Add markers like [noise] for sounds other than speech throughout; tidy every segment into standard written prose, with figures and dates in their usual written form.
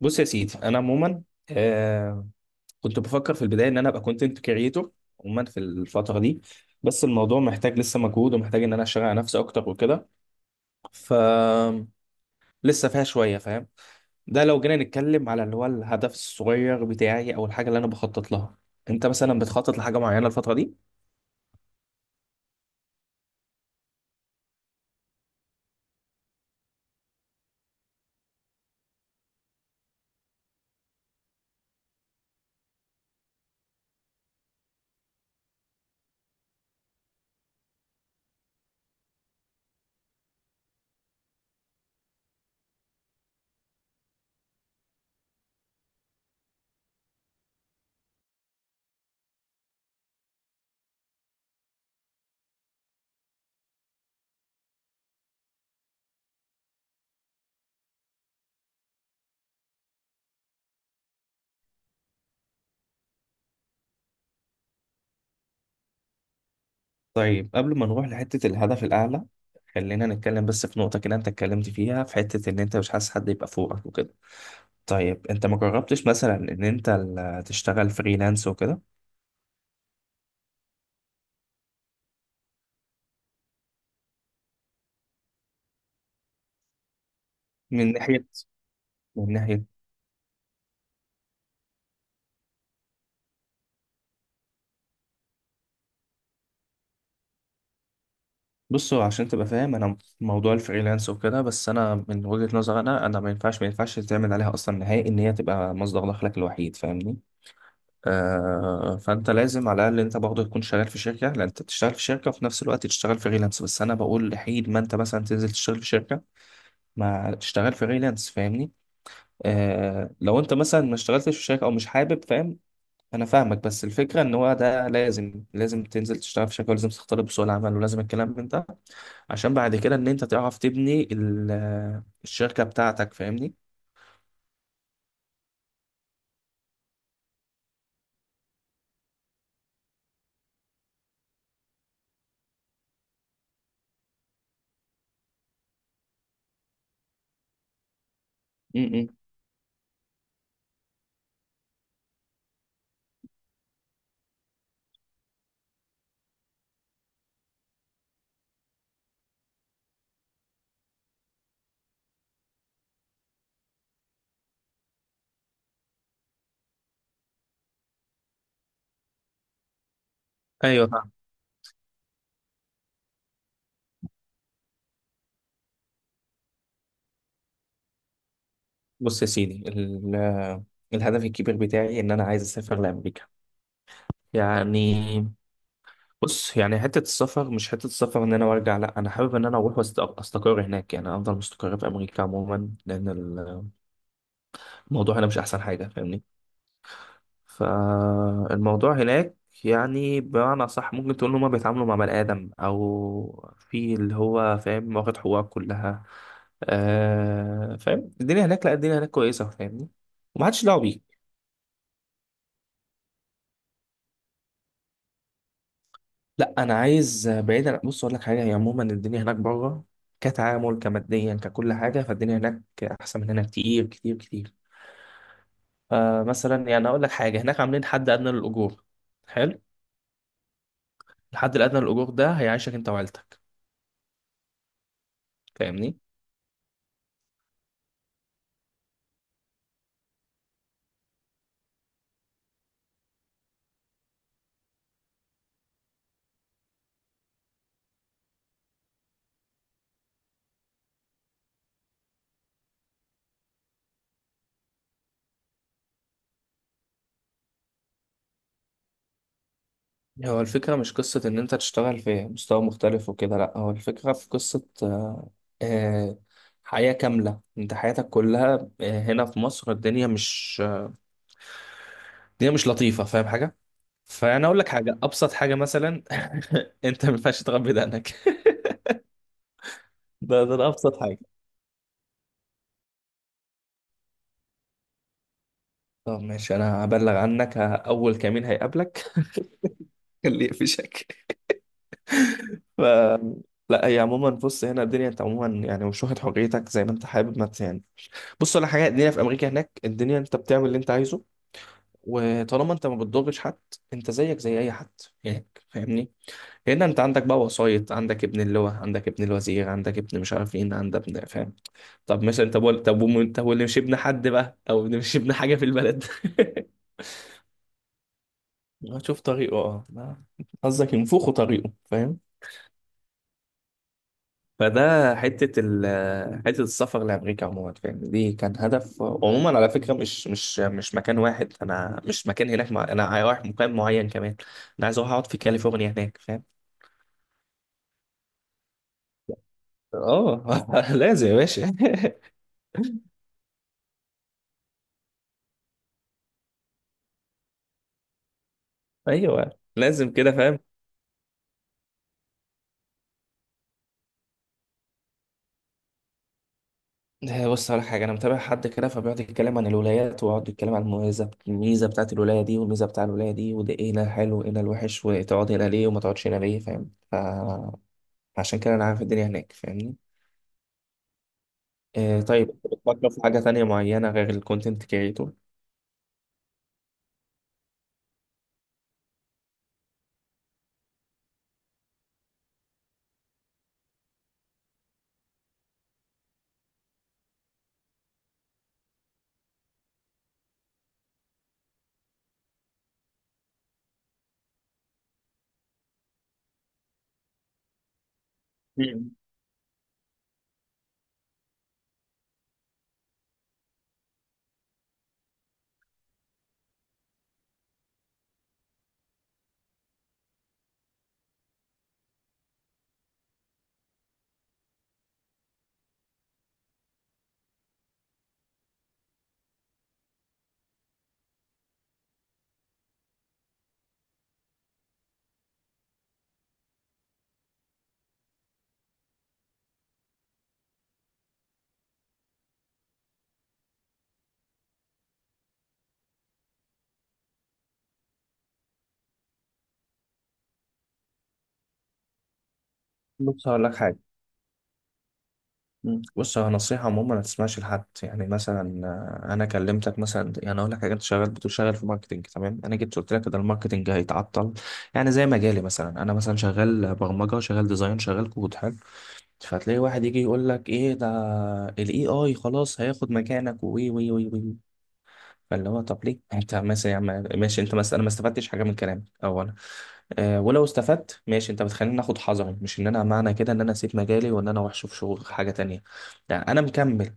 بص يا سيدي، انا عموما آه كنت بفكر في البدايه ان انا ابقى كونتنت كريتور عموما في الفتره دي. بس الموضوع محتاج لسه مجهود، ومحتاج ان انا اشتغل على نفسي اكتر وكده. ف لسه فيها شويه، فاهم؟ ده لو جينا نتكلم على اللي هو الهدف الصغير بتاعي او الحاجه اللي انا بخطط لها. انت مثلا بتخطط لحاجه معينه الفتره دي؟ طيب قبل ما نروح لحته الهدف الاعلى، خلينا نتكلم بس في نقطه كده انت اتكلمت فيها في حته ان انت مش حاسس حد يبقى فوقك وكده. طيب انت ما جربتش مثلا ان انت تشتغل فريلانس وكده؟ من ناحية من ناحية. بصوا عشان تبقى فاهم انا موضوع الفريلانس وكده، بس انا من وجهة نظر انا، انا ما ينفعش تعمل عليها اصلا نهائي ان هي تبقى مصدر دخلك الوحيد، فاهمني؟ فانت لازم على الاقل انت برضه تكون شغال في شركة، لان انت بتشتغل في شركة وفي نفس الوقت تشتغل فريلانس. بس انا بقول حين ما انت مثلا تنزل تشتغل في شركة، ما تشتغل فريلانس، فاهمني؟ لو انت مثلا ما اشتغلتش في شركة او مش حابب، فاهم؟ انا فاهمك، بس الفكره ان هو ده لازم، تنزل تشتغل في شركه، ولازم تختلط بسوق العمل ولازم الكلام من ده، عشان بعد كده ان انت تعرف تبني الشركه بتاعتك، فاهمني؟ م-م. ايوه فاهم. بص يا سيدي، الهدف الكبير بتاعي ان انا عايز اسافر لامريكا، يعني. بص يعني حته السفر، مش حته السفر ان انا وارجع، لا انا حابب ان انا اروح واستقر هناك، يعني افضل مستقر في امريكا عموما، لان الموضوع هنا مش احسن حاجه، فاهمني؟ فالموضوع هناك يعني بمعنى صح، ممكن تقول ان هما بيتعاملوا مع بني ادم، او في اللي هو فاهم واخد حقوقه كلها. آه فاهم، الدنيا هناك، لا الدنيا هناك كويسه، فاهمني؟ ومحدش دعوه بيك. لا انا عايز بعيدا، بص اقول لك حاجه، هي عموما الدنيا هناك بره كتعامل، كماديا، ككل حاجه، فالدنيا هناك احسن من هنا كتير كتير كتير. فمثلا يعني اقول لك حاجه، هناك عاملين حد ادنى للاجور. حلو. الحد الادنى للاجور ده هيعيشك انت وعيلتك، فاهمني؟ هو الفكرة مش قصة إن أنت تشتغل في مستوى مختلف وكده، لأ هو الفكرة في قصة، آه، حياة كاملة، أنت حياتك كلها. هنا في مصر الدنيا مش، الدنيا مش لطيفة، فاهم حاجة؟ فأنا أقول لك حاجة، أبسط حاجة مثلا، [laughs] أنت ما ينفعش تغمض بدقنك. [laughs] ده أبسط حاجة. طب ماشي، أنا هبلغ عنك، أول كمين هيقابلك [laughs] اللي يقفشك. ف لا، هي عموما بص، هنا الدنيا أنت عموما يعني مش واخد حريتك زي ما أنت حابب، ما أنت يعني. بص على حاجه، الدنيا في امريكا، هناك الدنيا انت بتعمل اللي انت عايزه، وطالما انت ما بتضرش حد، انت زيك زي اي حد هناك، فاهمني؟ هنا انت عندك بقى وسايط، عندك ابن اللواء، عندك ابن الوزير، عندك ابن مش عارف مين، عندك ابن، فاهم؟ طب مثلا انت بقول طب، انت واللي مش ابن حد بقى، او اللي مش ابن حاجه في البلد. [laughs] شوف طريقه، اه، قصدك ينفخوا طريقه، فاهم؟ فده حتة حتة السفر لأمريكا عموما، فاهم؟ دي كان هدف عموما، على فكرة، مش مكان واحد، أنا مش مكان هناك أنا رايح مكان معين كمان. أنا عايز أروح أقعد في كاليفورنيا هناك، فاهم؟ آه [laughs] لازم يا باشا. [laughs] أيوه لازم كده، فاهم؟ بص على حاجة، أنا متابع حد كده فبيقعد يتكلم عن الولايات، ويقعد يتكلم عن المميزة، الميزة بتاعت الولاية دي، والميزة بتاع الولاية دي، وده إيه هنا الحلو وإيه هنا الوحش، وتقعد هنا ليه وما تقعدش هنا ليه، فاهم؟ فعشان كده أنا عارف الدنيا هناك، فاهمني؟ آه، طيب. بفكر في حاجة تانية معينة غير الكونتنت كريتور. مم. بص هقول لك حاجة. مم. بص، هو نصيحة عموما ما تسمعش لحد. يعني مثلا، أنا كلمتك مثلا، يعني أقول لك حاجة، أنت شغال بتقول شغال في ماركتينج، تمام، أنا جيت قلت لك ده الماركتينج هيتعطل. يعني زي مجالي مثلا، أنا مثلا شغال برمجة، شغال ديزاين، شغال كود، حلو. فتلاقي واحد يجي يقول لك إيه ده، ال AI خلاص هياخد مكانك، وي وي وي وي. فاللي هو، طب ليه انت مثلا يا عم، ماشي انت مثلا، انا ما استفدتش حاجه من كلامك اولا، ولو استفدت ماشي، انت بتخليني اخد حذري، مش ان انا معنى كده ان انا اسيب مجالي وان انا وحش في شغل حاجه تانية. لا انا مكمل،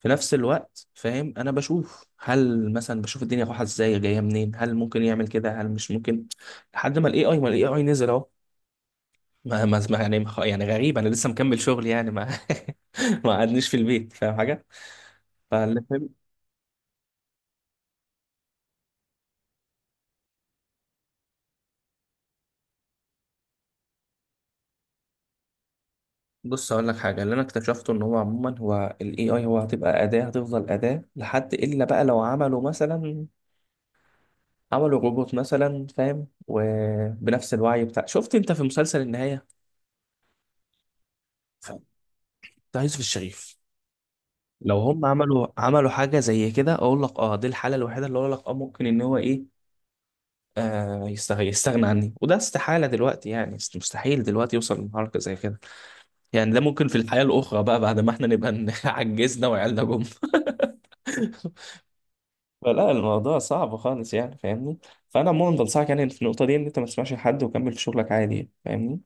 في نفس الوقت، فاهم؟ انا بشوف، هل مثلا بشوف الدنيا رايحه ازاي، جايه منين، هل ممكن يعمل كده، هل مش ممكن، لحد ما الاي اي نزل اهو. يعني، غريب، انا لسه مكمل شغل يعني، ما [laughs] ما قعدنيش في البيت، فاهم حاجه؟ بص اقول لك حاجه، اللي انا اكتشفته ان هو عموما، هو الاي اي هو هتبقى اداه، هتفضل اداه، لحد الا بقى لو عملوا مثلا، عملوا روبوت مثلا فاهم، وبنفس الوعي بتاع، شفت انت في مسلسل النهايه بتاع يوسف الشريف؟ لو هم عملوا حاجه زي كده اقول لك اه، دي الحاله الوحيده اللي اقول لك اه ممكن ان هو ايه، آه، يستغنى عني، وده استحاله دلوقتي يعني، مستحيل دلوقتي يوصل لمرحله زي كده. يعني ده ممكن في الحياه الاخرى بقى بعد ما احنا نبقى [laughs] عجزنا وعيالنا جم. [laughs] فلا الموضوع صعب خالص يعني، فاهمني؟ فانا عموما بنصحك يعني في النقطه دي ان انت ما تسمعش لحد، وكمل في شغلك عادي يعني، فاهمني؟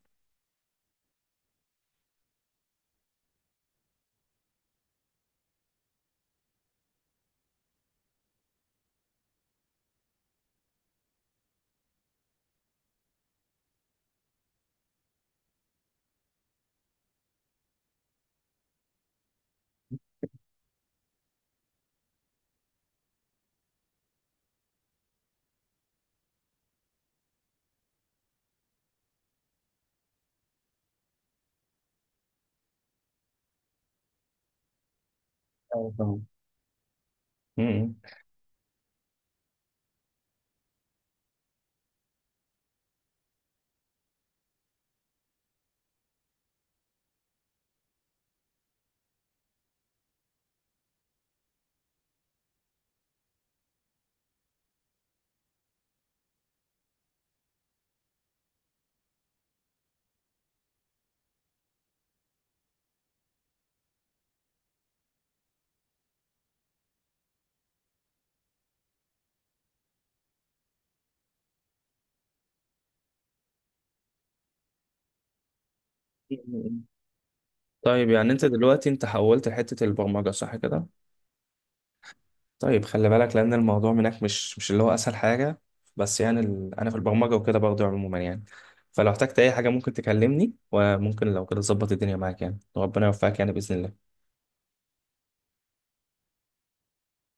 أيوة فاهم. امم طيب، يعني انت دلوقتي انت حولت لحته البرمجه صح كده؟ طيب خلي بالك، لان الموضوع منك مش، اللي هو اسهل حاجه. بس يعني انا في البرمجه وكده برضه عموما يعني. فلو احتجت اي حاجه ممكن تكلمني، وممكن لو كده تظبط الدنيا معاك يعني، وربنا يوفقك يعني باذن الله.